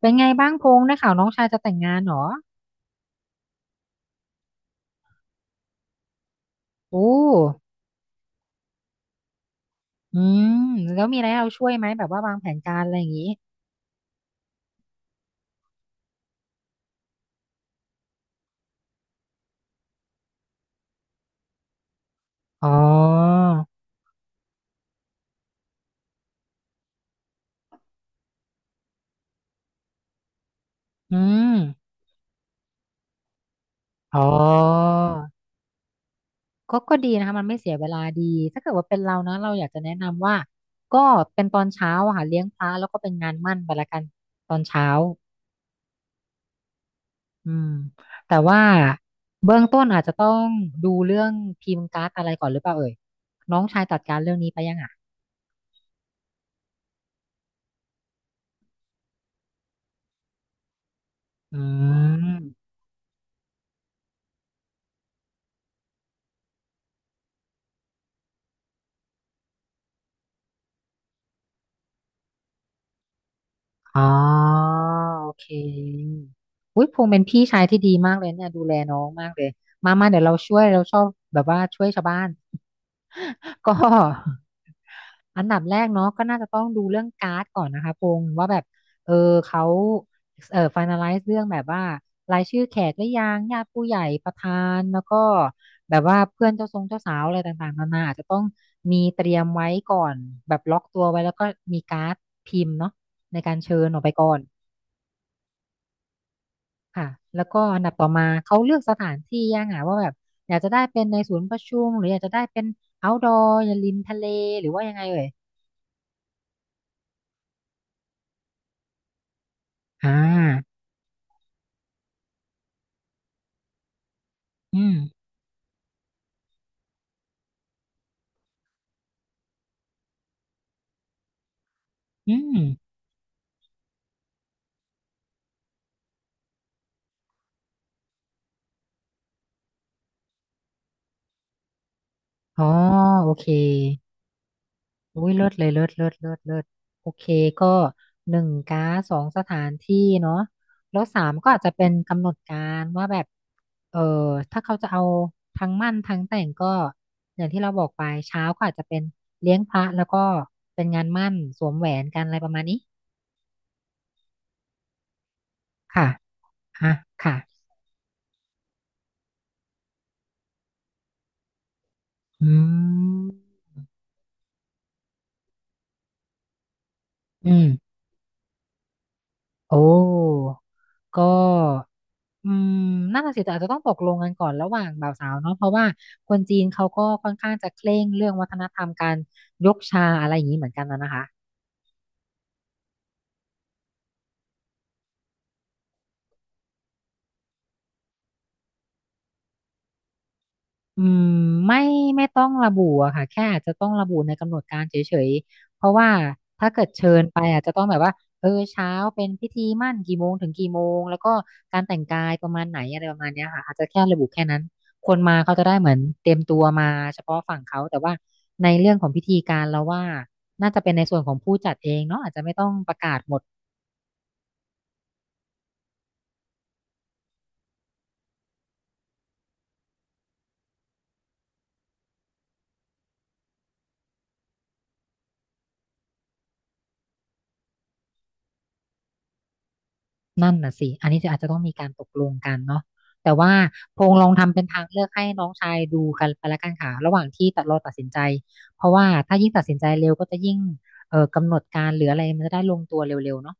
เป็นไงบ้างพงษ์ได้ข่าวน้องชายจะแต่งงานเหรอโอ้อืมแล้วมีอะไรให้เราช่วยไหมแบบว่าวางแผนการอะไรอย่างนี้อ๋ออืมอ๋อก็ดีนะคะมันไม่เสียเวลาดีถ้าเกิดว่าเป็นเรานะเราอยากจะแนะนำว่าก็เป็นตอนเช้าอะค่ะเลี้ยงพระแล้วก็เป็นงานหมั่นไปละกันตอนเช้าอืมแต่ว่าเบื้องต้นอาจจะต้องดูเรื่องพิมพ์การ์ดอะไรก่อนหรือเปล่าเอ่ยน้องชายจัดการเรื่องนี้ไปยังอ่ะอืม อ๋อโอเคอุ้ยพงษ์เป็นพี่ชายที่ดีมากเลยเนี่ยดูแลน้องมากเลยมามาเดี๋ยวเราช่วยเราชอบแบบว่าช่วยชาวบ้าน ก็อันดับแรกเนาะก็น่าจะต้องดูเรื่องการ์ดก่อนนะคะพงษ์ว่าแบบเออเขาเออ finalize เรื่องแบบว่ารายชื่อแขกหรือยังญาติผู้ใหญ่ประธานแล้วก็แบบว่าเพื่อนเจ้าทรงเจ้าสาวอะไรต่างๆนานาอาจจะต้องมีเตรียมไว้ก่อนแบบล็อกตัวไว้แล้วก็มีการ์ดพิมพ์เนาะในการเชิญออกไปก่อนค่ะแล้วก็อันดับต่อมาเขาเลือกสถานที่ยังอ่ะว่าแบบอยากจะได้เป็นในศูนย์ประชุมหรืออยากจะได้เป็น outdoor อย่าริมทะเลหรือว่ายังไงเอ่ย อ่าอืม อืมอ๋อโอเคอุ้ยเลิศเลยเลิศเลิศเลิศเลิศโอเคก็หนึ่งก๊าซสองสถานที่เนาะแล้วสามก็อาจจะเป็นกำหนดการว่าแบบเออถ้าเขาจะเอาทั้งมั่นทั้งแต่งก็อย่างที่เราบอกไปเช้าก็อาจจะเป็นเลี้ยงพระแล้วก็เป็นงานมั่นสวมแหวนกันอะไรประมาณนี้ค่ะอ่ะค่ะอืมอืม โอ้ ก็อืมน่นนะสิแต่อาจจะต้องตกลงกันก่อนระหว่างบ่าวสาวเนาะเพราะว่าคนจีนเขาก็ค่อนข้างจะเคร่งเรื่องวัฒนธรรมการยกชาอะไรอย่างนี้เหมือนกันนะนะคะ อืมไม่ไม่ต้องระบุอะค่ะแค่อาจจะต้องระบุในกำหนดการเฉยๆเพราะว่าถ้าเกิดเชิญไปอาจจะต้องแบบว่าเออเช้าเป็นพิธีหมั้นกี่โมงถึงกี่โมงแล้วก็การแต่งกายประมาณไหนอะไรประมาณเนี้ยค่ะอาจจะแค่ระบุแค่นั้นคนมาเขาจะได้เหมือนเตรียมตัวมาเฉพาะฝั่งเขาแต่ว่าในเรื่องของพิธีการเราว่าน่าจะเป็นในส่วนของผู้จัดเองเนาะอาจจะไม่ต้องประกาศหมด นั่นน่ะสิ อันนี้จะอาจจะต้องมีการตกลงกันเนาะแต่ว่าพงลองทำเป็นทางเลือกให้น้องชายดูกันไปละกันค่ะระหว่างที่เราตัดสินใจ เพราะว่าถ้ายิ่งตัดสินใจเร็วก็จะยิ่งกำหนดการหรืออะไรมันจะได้ลงตัวเร็วๆเนาะ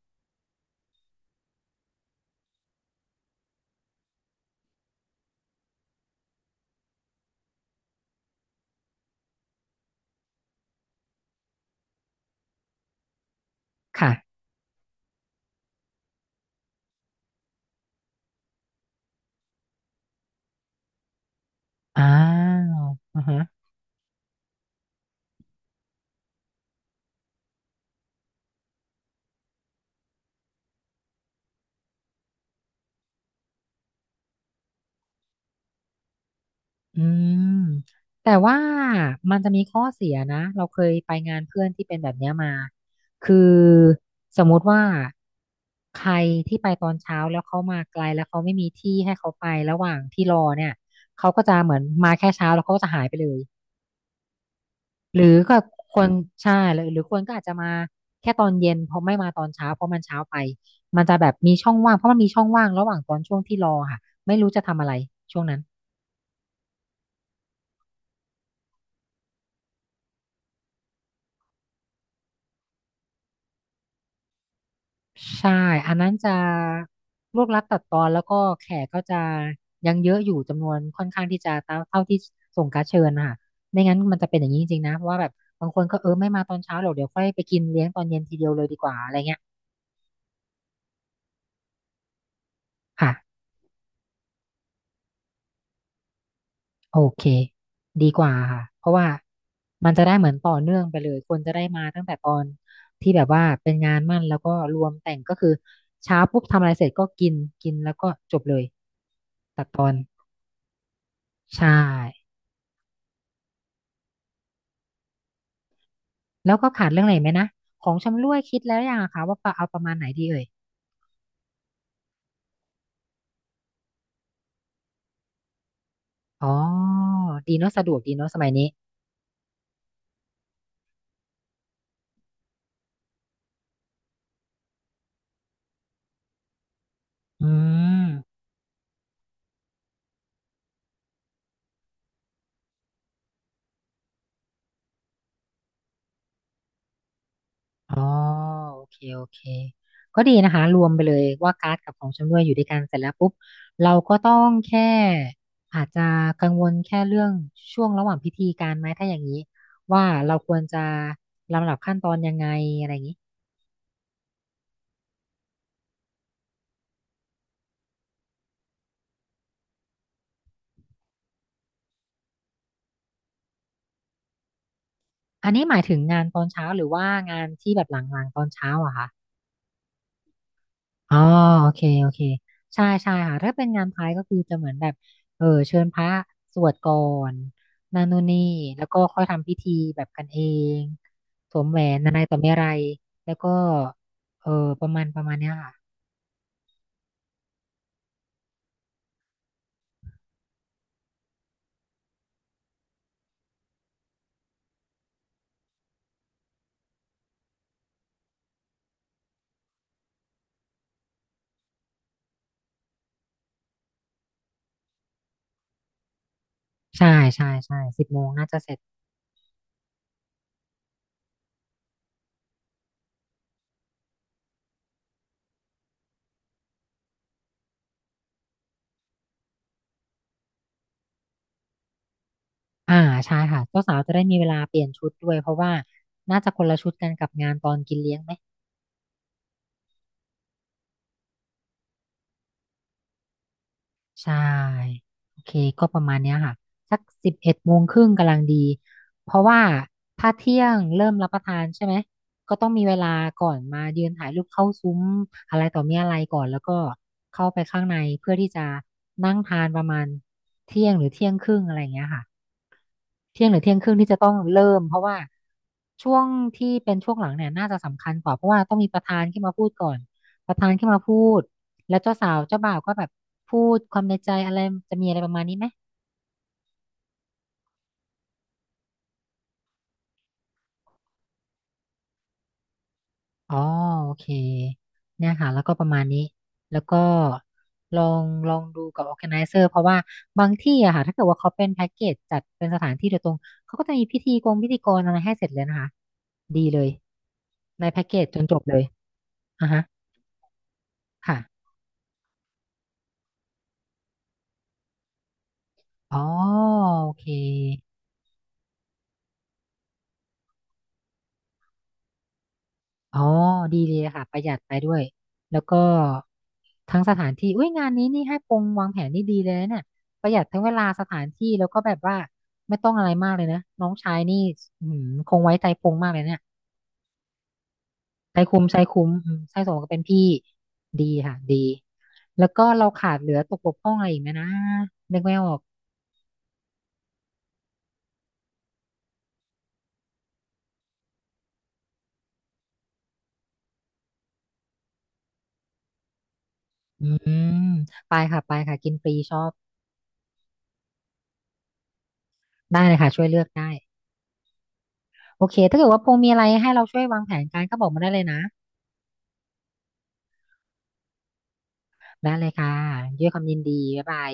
ค่ะอ้าวอือฮะ อืมแต่ว่ามันจะมีข้อเสียนะเราเคยไปงานเพื่อนที่เป็นแบบเนี้ยมาคือสมมุติว่าใครที่ไปตอนเช้าแล้วเขามาไกลแล้วเขาไม่มีที่ให้เขาไประหว่างที่รอเนี่ยเขาก็จะเหมือนมาแค่เช้าแล้วเขาก็จะหายไปเลยหรือก็คนใช่หรือคนก็อาจจะมาแค่ตอนเย็นเพราะไม่มาตอนเช้าเพราะมันเช้าไปมันจะแบบมีช่องว่างเพราะมันมีช่องว่างระหว่างตอนช่วงที่รอค่ะไม่รู้จะทำอะไรช่วงนั้น ใช่อันนั้นจะรวบรัดตัดตอนแล้วก็แขกก็จะยังเยอะอยู่จำนวนค่อนข้างที่จะเท่าเท่าที่ส่งการ์ดเชิญนะคะไม่งั้นมันจะเป็นอย่างนี้จริงๆนะเพราะว่าแบบบางคนก็เออไม่มาตอนเช้าหรอกเดี๋ยวค่อยไปกินเลี้ยงตอนเย็นทีเดียวเลยดีกว่าอะไรเงี้ยค่ะโอเคดีกว่าค่ะเพราะว่ามันจะได้เหมือนต่อเนื่องไปเลยคนจะได้มาตั้งแต่ตอนที่แบบว่าเป็นงานมั่นแล้วก็รวมแต่งก็คือเช้าปุ๊บทำอะไรเสร็จก็กินกินแล้วก็จบเลยตัดตอนใช่ แล้วก็ขาดเรื่องอะไรไหมนะของชำร่วยคิดแล้วยังอะคะว่าปะเอาประมาณไหนดีเอ่ยอ๋อดีเนอะสะดวกดีเนอะสมัยนี้อืมอ๋อโอเคโอเคก็ดีนะคะรวมไปเลยว่าการ์ดกับของชำร่วยอยู่ด้วยกันเสร็จแล้วปุ๊บเราก็ต้องแค่อาจจะกังวลแค่เรื่องช่วงระหว่างพิธีการไหมถ้าอย่างนี้ว่าเราควรจะลำดับขั้นตอนยังไงอะไรอย่างนี้อันนี้หมายถึงงานตอนเช้าหรือว่างานที่แบบหลังๆตอนเช้าอะคะ อ๋อโอเคโอเคใช่ใช่ค่ะถ้าเป็นงานพายก็คือจะเหมือนแบบเชิญพระสวดก่อนนานุนนี่แล้วก็ค่อยทำพิธีแบบกันเองสวมแหวนอะไรต่อไม่อะไรแล้วก็เออประมาณเนี้ยค่ะใช่ใช่ใช่10 โมงน่าจะเสร็จอ่าใช่ค่ะเจ้าสาวจะได้มีเวลาเปลี่ยนชุดด้วยเพราะว่าน่าจะคนละชุดกันกับงานตอนกินเลี้ยงไหม ใช่โอเคก็ประมาณเนี้ยค่ะสัก11 โมงครึ่งกำลังดีเพราะว่าถ้าเที่ยงเริ่มรับประทานใช่ไหมก็ต้องมีเวลาก่อนมายืนถ่ายรูปเข้าซุ้มอะไรต่อมีอะไรก่อนแล้วก็เข้าไปข้างในเพื่อที่จะนั่งทานประมาณเที่ยงหรือเที่ยงครึ่งอะไรอย่างเงี้ยค่ะ เที่ยงหรือเที่ยงครึ่งที่จะต้องเริ่มเพราะว่าช่วงที่เป็นช่วงหลังเนี่ยน่าจะสำคัญกว่าเพราะว่าต้องมีประธานขึ้นมาพูดก่อนประธานขึ้นมาพูดแล้วเจ้าสาวเจ้าบ่าวก็แบบพูดความในใจอะไรจะมีอะไรประมาณนี้ไหมอ๋อโอเคเนี่ยค่ะแล้วก็ประมาณนี้แล้วก็ลองดูกับ organizer เพราะว่าบางที่อะค่ะถ้าเกิดว่าเขาเป็นแพ็กเกจจัดเป็นสถานที่โดยตรงเขาก็จะมีพิธีกรอะไรให้เสร็จเลยนะคะดีเลยในแพ็กเกจจนจบเลยอ่ะฮะค่ะ อ๋อโอเคอ๋อดีเลยค่ะประหยัดไปด้วยแล้วก็ทั้งสถานที่อุ้ยงานนี้นี่ให้ปงวางแผนนี่ดีเลยนะเนี่ยประหยัดทั้งเวลาสถานที่แล้วก็แบบว่าไม่ต้องอะไรมากเลยนะน้องชายนี่อืมคงไว้ใจปงมากเลยเนี่ยใจคุ้มใจคุ้มอืมใจสมก็เป็นพี่ดีค่ะดีแล้วก็เราขาดเหลือตกบกพร่องอะไรอีกไหมนะนึกไม่ออกอืมไปค่ะไปค่ะกินฟรีชอบได้เลยค่ะช่วยเลือกได้ โอเคถ้าเกิดว่าพงมีอะไรให้เราช่วยวางแผนการก็บอกมาได้เลยนะได้เลยค่ะด้วยความยินดี บ๊ายบาย